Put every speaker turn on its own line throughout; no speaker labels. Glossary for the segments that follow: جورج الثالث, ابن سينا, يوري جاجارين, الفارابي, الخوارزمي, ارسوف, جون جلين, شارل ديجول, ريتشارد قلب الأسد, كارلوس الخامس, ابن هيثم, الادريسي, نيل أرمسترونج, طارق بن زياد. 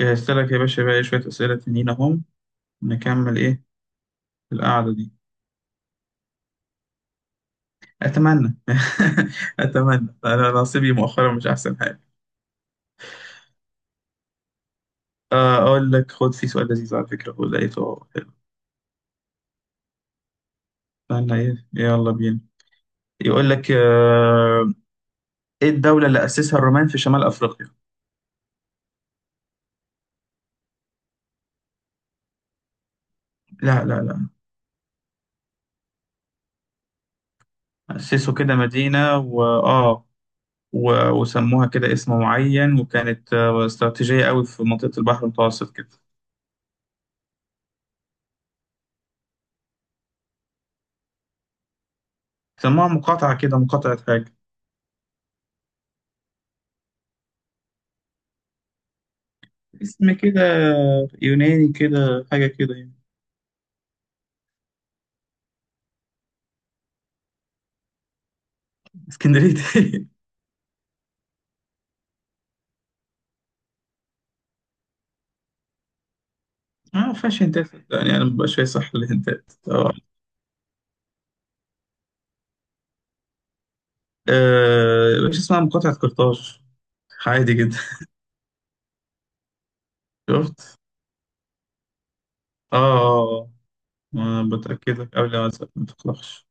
جهزت لك يا باشا بقى إيه شوية أسئلة تانيين أهم نكمل. إيه القعدة دي؟ أتمنى. أتمنى، أنا نصيبي مؤخرا مش أحسن حاجة. أقول لك خد، في سؤال لذيذ على فكرة، هو لقيته حلو. استنى، إيه، يلا بينا. يقول لك إيه الدولة اللي أسسها الرومان في شمال أفريقيا؟ لا لا لا. أسسوا كده مدينة و وسموها كده اسم معين، وكانت استراتيجية قوي في منطقة البحر المتوسط كده. سموها مقاطعة كده، مقاطعة حاجة، اسم كده يوناني كده حاجة كده يعني. اسكندريه. اه ما فيهاش هنتات يعني، انا مبقاش فايق، صح، الهنتات اه. مش اسمها مقاطعة قرطاج؟ عادي جدا. شفت. اه، ما بتأكدك قبل ما أسأل، ما تقلقش.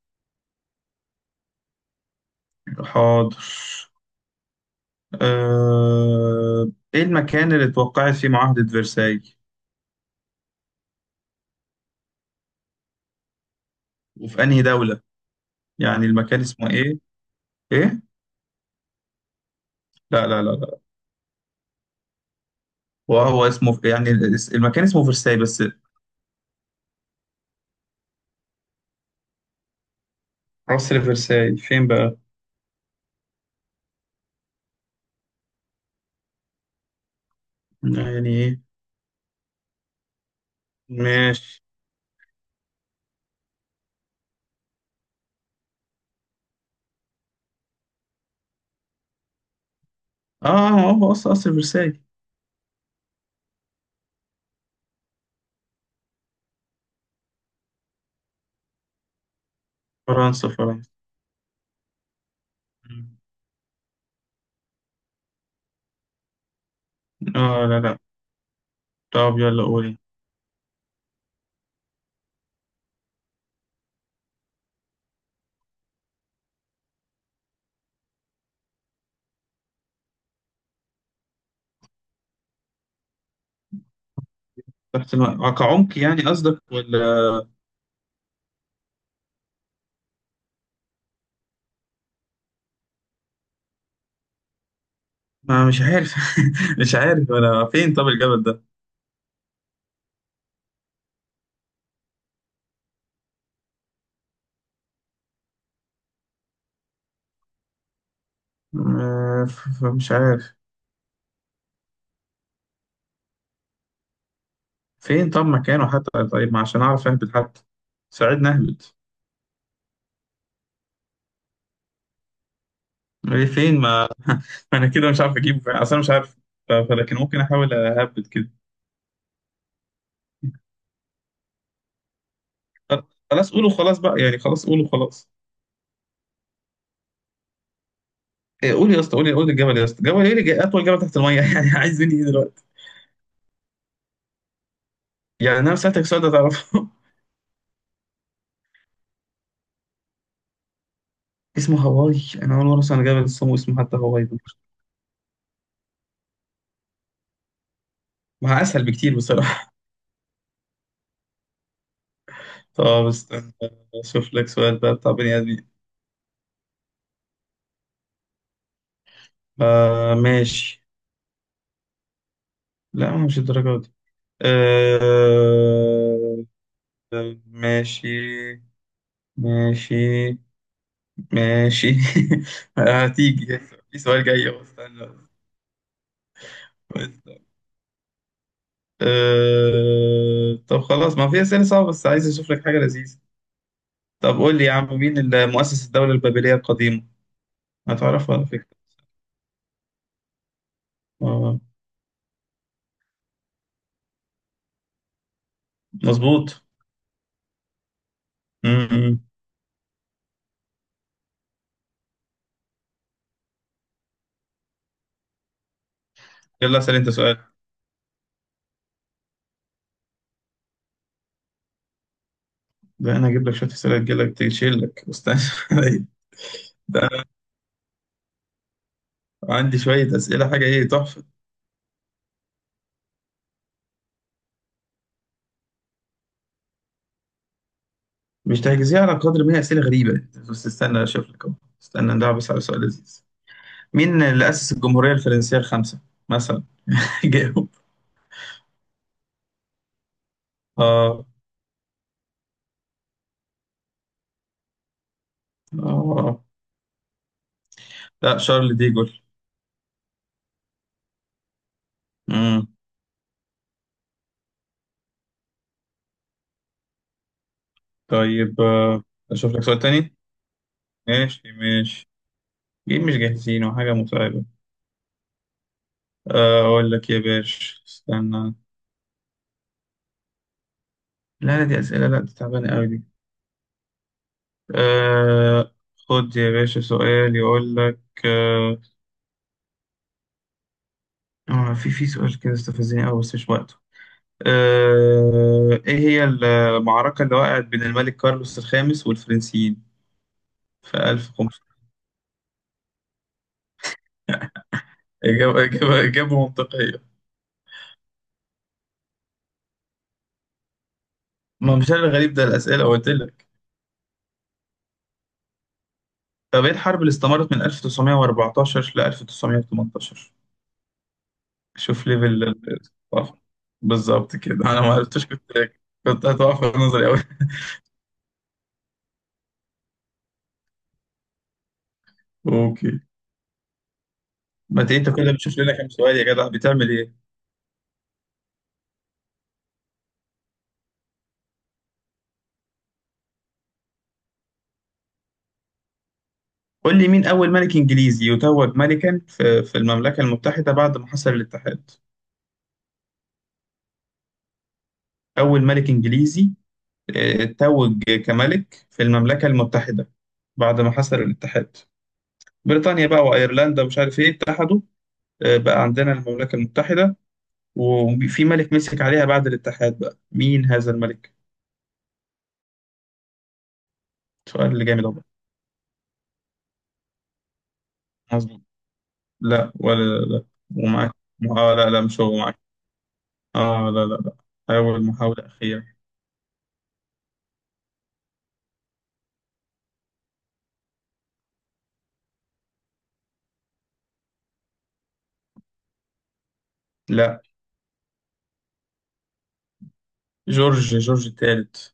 حاضر. ايه المكان اللي اتوقعت فيه معاهدة فرساي؟ وفي انهي دولة؟ يعني المكان اسمه ايه؟ ايه؟ لا لا لا لا. وهو اسمه يعني؟ المكان اسمه فرساي بس. قصر فرساي فين بقى؟ لا يعني ايه؟ ماشي. اه هو اصلا اصل فرساي. فرنسا، فرنسا. اه لا لا. طب يلا قولي. تحت كعمق يعني قصدك ولا؟ ما مش عارف. مش عارف ولا فين، طب الجبل ده. مش عارف. فين طب مكانه حتى، طيب ما عشان اعرف اهبط حتى، ساعدني اهبط. إيه فين ما ما انا كده مش عارف اجيبه، فين اصلا مش عارف. فلكن ممكن احاول اهبط كده. خلاص قولوا خلاص بقى، يعني خلاص قولوا خلاص. إيه، قول يا اسطى، قول قول الجبل يا اسطى، جبل ايه اطول جبل تحت الميه؟ يعني عايز مني ايه دلوقتي؟ يعني انا سالتك سؤال ده تعرفه؟ اسمه هواي! انا اول مره اسمع عن جبل اسمه اسمه حتى هواي ده. ما اسهل بكتير بصراحه. طب استنى اشوف لك سؤال بقى بتاع بني ادمين. آه ماشي. لا مش الدرجه دي. آه. ماشي، ماشي، ماشي. هتيجي. في سؤال جاي أهو، استنى. طب خلاص ما في أسئلة صعبة، بس عايز أشوف لك حاجة لذيذة. طب قول لي يا عم، مين اللي مؤسس الدولة البابلية القديمة؟ هتعرفها على فكرة. آه، مظبوط. م-م. يلا أسأل أنت سؤال. ده أنا هجيب لك شوية أسئلة تجيلك تشيلك. استنى عليا. ده أنا عندي شوية أسئلة حاجة إيه تحفة. مش تحجزيها على قدر ما هي أسئلة غريبة، بس استنى أشوف لك أهو. استنى ندعبس بس على سؤال لذيذ. مين اللي أسس الجمهورية الفرنسية الخامسة مثلا؟ جاوب. آه. آه. آه. لا، شارل ديجول. طيب أشوف لك سؤال تاني. ماشي ماشي. ليه مش جاهزين وحاجة متعبة. أقول لك يا باشا استنى. لا لا دي أسئلة، لا دي تعبانة أوي دي. أه، خد يا باشا سؤال يقول لك أه، في سؤال كده استفزني أوي بس مش وقته. أه، إيه هي المعركة اللي وقعت بين الملك كارلوس الخامس والفرنسيين في 1500؟ إجابة إجابة إجابة منطقية. ما مش أنا الغريب، ده الأسئلة قلت لك. طب ايه الحرب اللي استمرت من 1914 ل 1918؟ شوف ليفل الثقافة. بالظبط كده، انا ما عرفتش، كنت كنت هتقف في نظري قوي. اوكي. ما انت كده بتشوف لنا كام سؤال يا جدع، بتعمل ايه؟ قول لي مين اول ملك انجليزي يتوج ملكا في المملكة المتحدة بعد ما حصل الاتحاد؟ اول ملك انجليزي توج كملك في المملكة المتحدة بعد ما حصل الاتحاد. بريطانيا بقى وايرلندا ومش عارف ايه اتحدوا، بقى عندنا المملكة المتحدة، وفي ملك مسك عليها بعد الاتحاد، بقى مين هذا الملك؟ سؤال اللي جامد أهو. مظبوط. لا ولا لا لا. ومعاك. اه لا لا مش هو، معاك. اه لا لا لا. أول محاولة أخيرة. لا. جورج، جورج الثالث.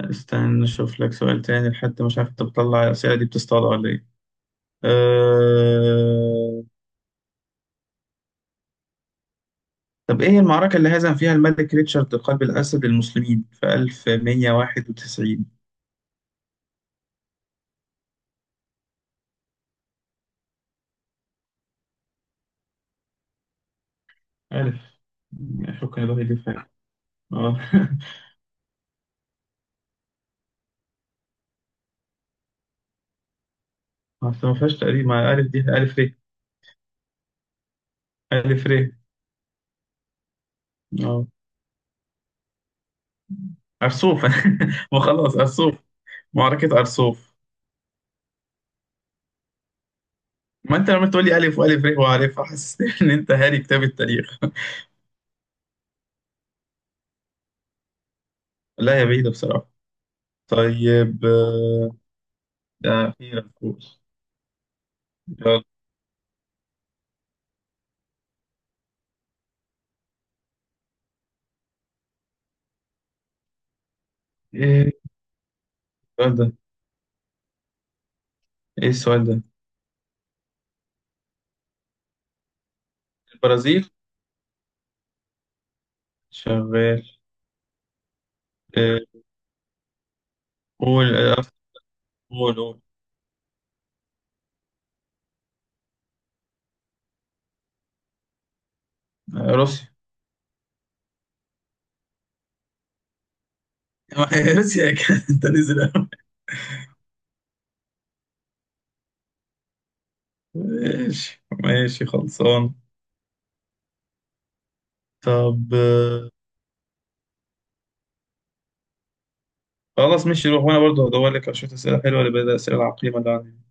استنى نشوف لك سؤال تاني، لحد مش عارف انت بتطلع الأسئلة دي بتصطاد ولا ايه. أه... طب ايه المعركة اللي هزم فيها الملك ريتشارد قلب الأسد المسلمين في 1191؟ ألف. حكم الله يدفع. اه. اصل ما فيهاش تقريب، مع الف دي الف ر. الف ر. اه. ارسوف. ما خلاص ارسوف، معركة ارسوف. ما انت لما تقول لي الف والف ر وعارفها، حسستني ان انت هاري كتاب التاريخ. لا يا بعيدة بصراحة. طيب ده اخيرا نقول. يلا. ايه السؤال ده؟ ايه السؤال ده؟ البرازيل. شغال. آه، قول قول قول. روسيا. روسيا كانت، انت نزل. ماشي ماشي خلصان. طب خلاص ماشي روح، وانا برضه هدور لك على شويه اسئله حلوه لبعض الاسئله العقيمه اللي عندي.